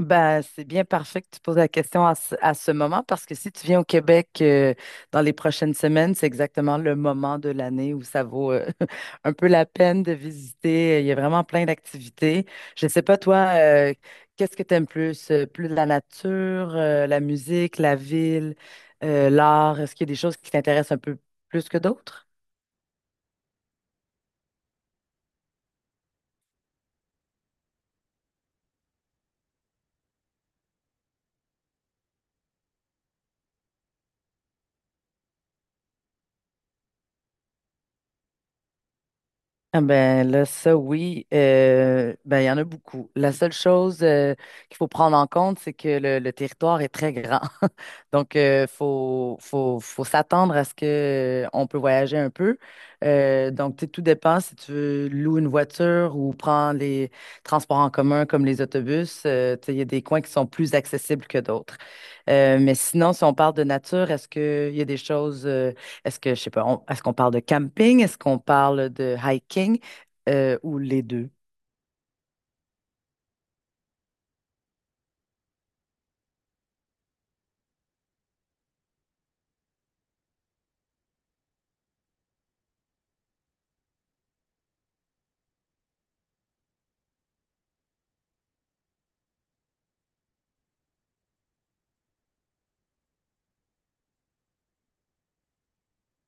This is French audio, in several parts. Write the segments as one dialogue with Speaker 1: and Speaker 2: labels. Speaker 1: Ben, c'est bien parfait que tu poses la question à ce moment parce que si tu viens au Québec, dans les prochaines semaines, c'est exactement le moment de l'année où ça vaut un peu la peine de visiter. Il y a vraiment plein d'activités. Je ne sais pas, toi, qu'est-ce que tu aimes plus? Plus la nature, la musique, la ville, l'art? Est-ce qu'il y a des choses qui t'intéressent un peu plus que d'autres? Ah ben là, ça oui, ben il y en a beaucoup. La seule chose qu'il faut prendre en compte, c'est que le territoire est très grand. Donc, faut s'attendre à ce que on peut voyager un peu. Donc, tu sais, tout dépend si tu veux louer une voiture ou prendre les transports en commun comme les autobus. Tu sais, il y a des coins qui sont plus accessibles que d'autres. Mais sinon, si on parle de nature, est-ce qu'il y a des choses, est-ce que, je sais pas, est-ce qu'on parle de camping? Est-ce qu'on parle de hiking? Ou les deux?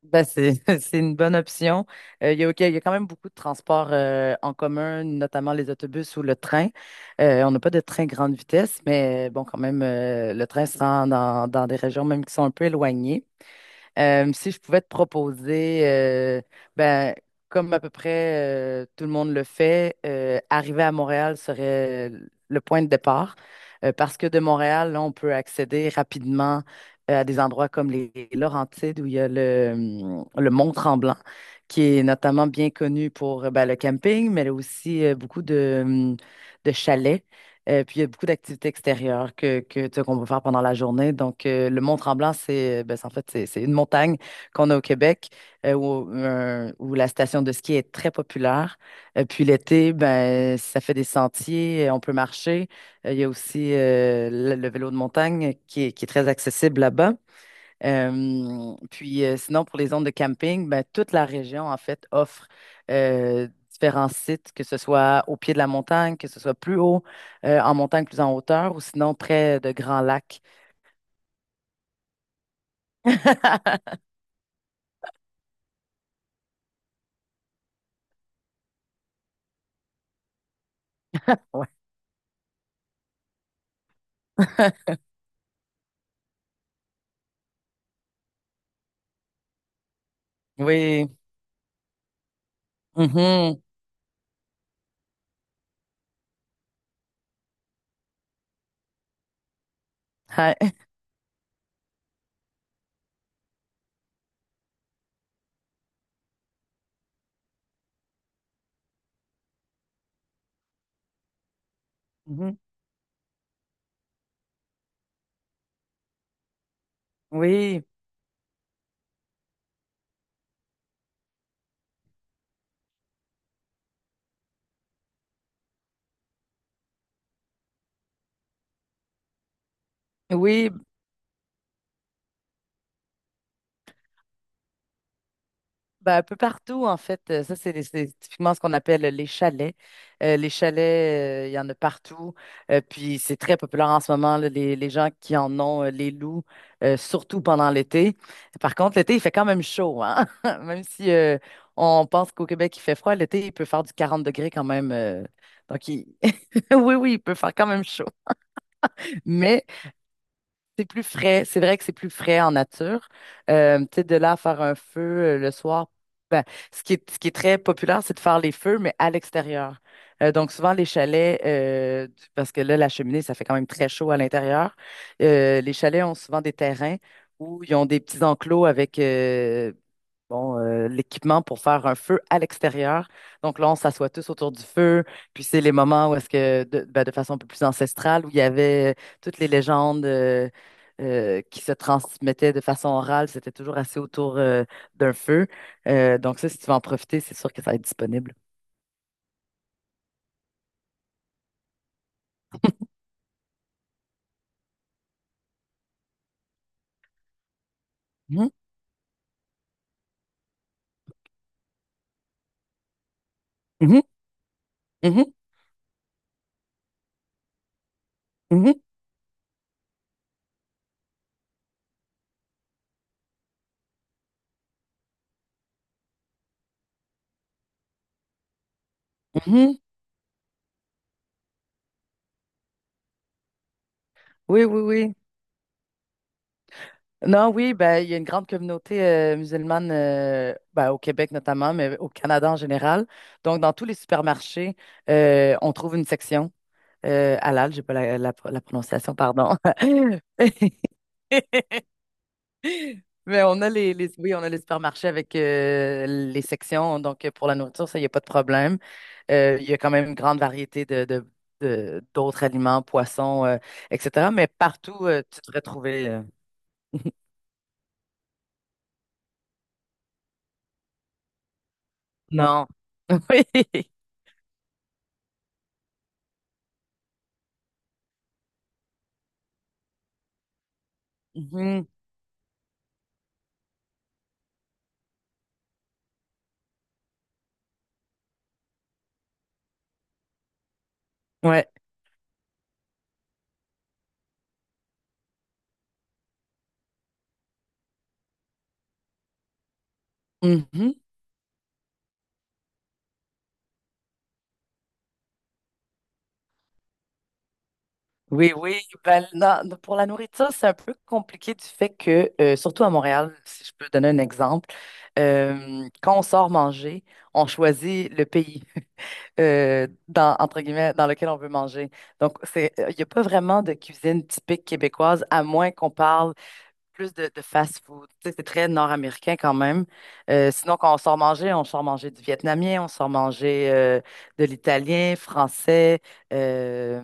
Speaker 1: Ben, c'est une bonne option. Il y a quand même beaucoup de transports en commun, notamment les autobus ou le train. On n'a pas de train grande vitesse, mais bon, quand même, le train se rend dans des régions même qui sont un peu éloignées. Si je pouvais te proposer, ben, comme à peu près tout le monde le fait, arriver à Montréal serait le point de départ. Parce que de Montréal, là, on peut accéder rapidement à des endroits comme les Laurentides, où il y a le Mont Tremblant, qui est notamment bien connu pour ben, le camping, mais aussi beaucoup de chalets. Puis il y a beaucoup d'activités extérieures que, tu sais, qu'on peut faire pendant la journée. Donc, le Mont-Tremblant, c'est, ben, en fait, c'est une montagne qu'on a au Québec, où la station de ski est très populaire. Puis l'été, ben, ça fait des sentiers, on peut marcher. Il y a aussi, le vélo de montagne qui est très accessible là-bas. Puis sinon, pour les zones de camping, ben, toute la région, en fait, offre différents sites, que ce soit au pied de la montagne, que ce soit plus haut, en montagne, plus en hauteur, ou sinon près de grands lacs. Ouais. Oui. Mhm. Hi. Mhm. Oui. Oui, ben, un peu partout, en fait. Ça, c'est typiquement ce qu'on appelle les chalets. Les chalets, il y en a partout. Puis, c'est très populaire en ce moment, là, les gens qui en ont, les loups, surtout pendant l'été. Par contre, l'été, il fait quand même chaud, hein? Même si, on pense qu'au Québec, il fait froid, l'été, il peut faire du 40 degrés quand même. Donc, oui, oui, il peut faire quand même chaud. Mais c'est plus frais, c'est vrai que c'est plus frais en nature. Tu sais, de là à faire un feu, le soir, ben, ce qui est très populaire, c'est de faire les feux, mais à l'extérieur. Donc souvent les chalets, parce que là, la cheminée, ça fait quand même très chaud à l'intérieur. Les chalets ont souvent des terrains où ils ont des petits enclos avec, bon, l'équipement pour faire un feu à l'extérieur. Donc là, on s'assoit tous autour du feu. Puis c'est les moments où est-ce que, de, ben, de façon un peu plus ancestrale, où il y avait, toutes les légendes qui se transmettaient de façon orale. C'était toujours assez autour, d'un feu. Donc ça, si tu veux en profiter, c'est sûr que ça va être disponible. Mhm, mhm, mhm, mhm, mhm. Oui, oui, oui. Non, oui, ben, il y a une grande communauté musulmane, ben, au Québec notamment, mais au Canada en général. Donc, dans tous les supermarchés, on trouve une section. Halal, j'ai pas la prononciation, pardon. Mais on a oui, on a les supermarchés avec, les sections. Donc, pour la nourriture, ça, il n'y a pas de problème. Il y a quand même une grande variété d'autres aliments, poissons, etc. Mais partout, tu devrais trouver. Non. Oui. Mhm. Ouais. Mhm. Oui, oui. Ben, pour la nourriture, c'est un peu compliqué du fait que, surtout à Montréal, si je peux donner un exemple, Quand on sort manger, on choisit le pays, dans, entre guillemets, dans lequel on veut manger. Donc, il n'y a pas vraiment de cuisine typique québécoise, à moins qu'on parle plus de fast-food. Tu sais, c'est très nord-américain quand même. Sinon, quand on sort manger du vietnamien, on sort manger, de l'italien, français, euh,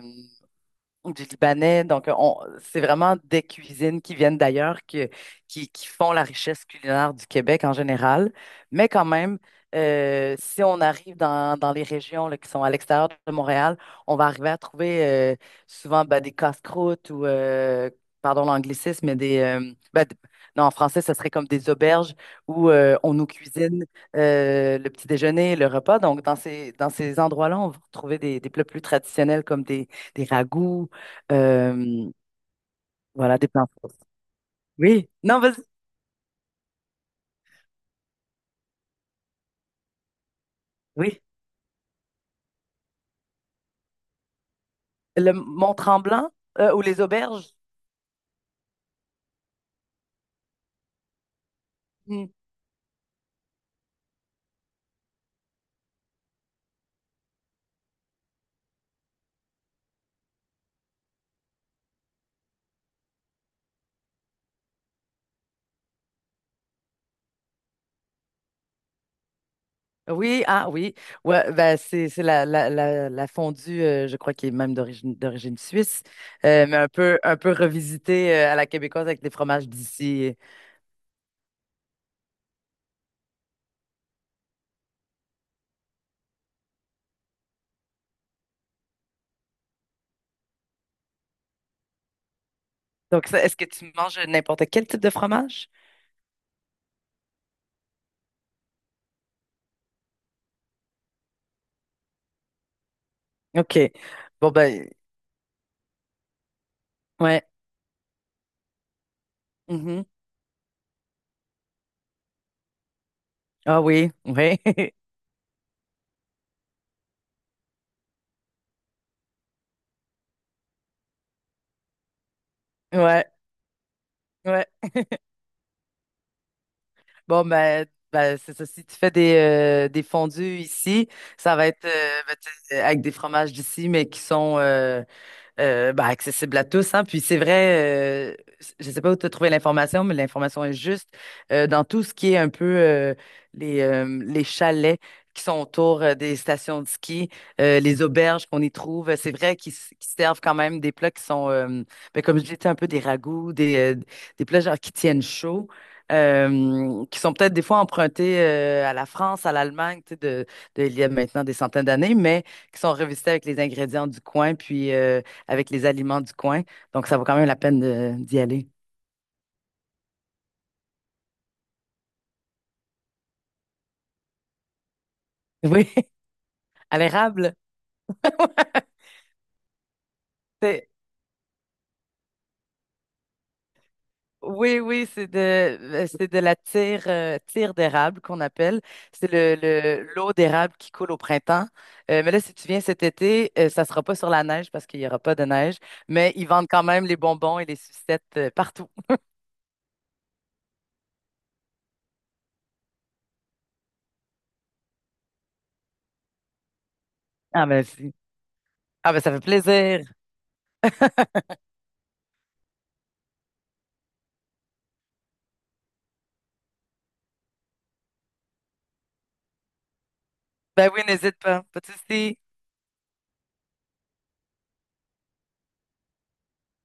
Speaker 1: du Libanais. Donc, c'est vraiment des cuisines qui viennent d'ailleurs, qui font la richesse culinaire du Québec en général. Mais quand même, si on arrive dans les régions là, qui sont à l'extérieur de Montréal, on va arriver à trouver, euh, souvent ben, des casse-croûtes ou, pardon l'anglicisme, mais ben, d- non, en français, ce serait comme des auberges où, on nous cuisine, le petit déjeuner, le repas. Donc, dans ces endroits-là, on va retrouver des plats plus traditionnels comme des ragoûts, euh, voilà, des pleins fours. Oui, non, vas-y. Oui, le Mont-Tremblant, ou les auberges. Hmm. Oui, ah oui. Ouais, ben, c'est la fondue, je crois, qui est même d'origine suisse, mais un peu revisitée à la québécoise avec des fromages d'ici. Donc, ça, est-ce que tu manges n'importe quel type de fromage? OK. Bon, ben, ouais. Mhm. Ah oui, oui. Ouais, ouais. Bon, ben c'est ça. Si tu fais des fondus ici, ça va être, ben, tu sais, avec des fromages d'ici, mais qui sont, bah, accessible à tous, hein. Puis c'est vrai, je sais pas où tu as trouvé l'information, mais l'information est juste, dans tout ce qui est un peu, les chalets qui sont autour, des stations de ski, les auberges qu'on y trouve. C'est vrai qu'ils qu'ils servent quand même des plats qui sont, ben, comme je disais, un peu des ragoûts, des plats genre qui tiennent chaud, qui sont peut-être des fois empruntés, à la France, à l'Allemagne, tu sais, il y a maintenant des centaines d'années, mais qui sont revisités avec les ingrédients du coin, puis, avec les aliments du coin. Donc, ça vaut quand même la peine d'y aller. Oui, à l'érable. C'est- Oui, oui, c'est de la tire d'érable qu'on appelle. C'est l'eau d'érable qui coule au printemps. Mais là, si tu viens cet été, ça sera pas sur la neige parce qu'il y aura pas de neige. Mais ils vendent quand même les bonbons et les sucettes, partout. Ah ben, si. Ah ben, ça fait plaisir. Ben oui, n'hésite pas. Pas de souci.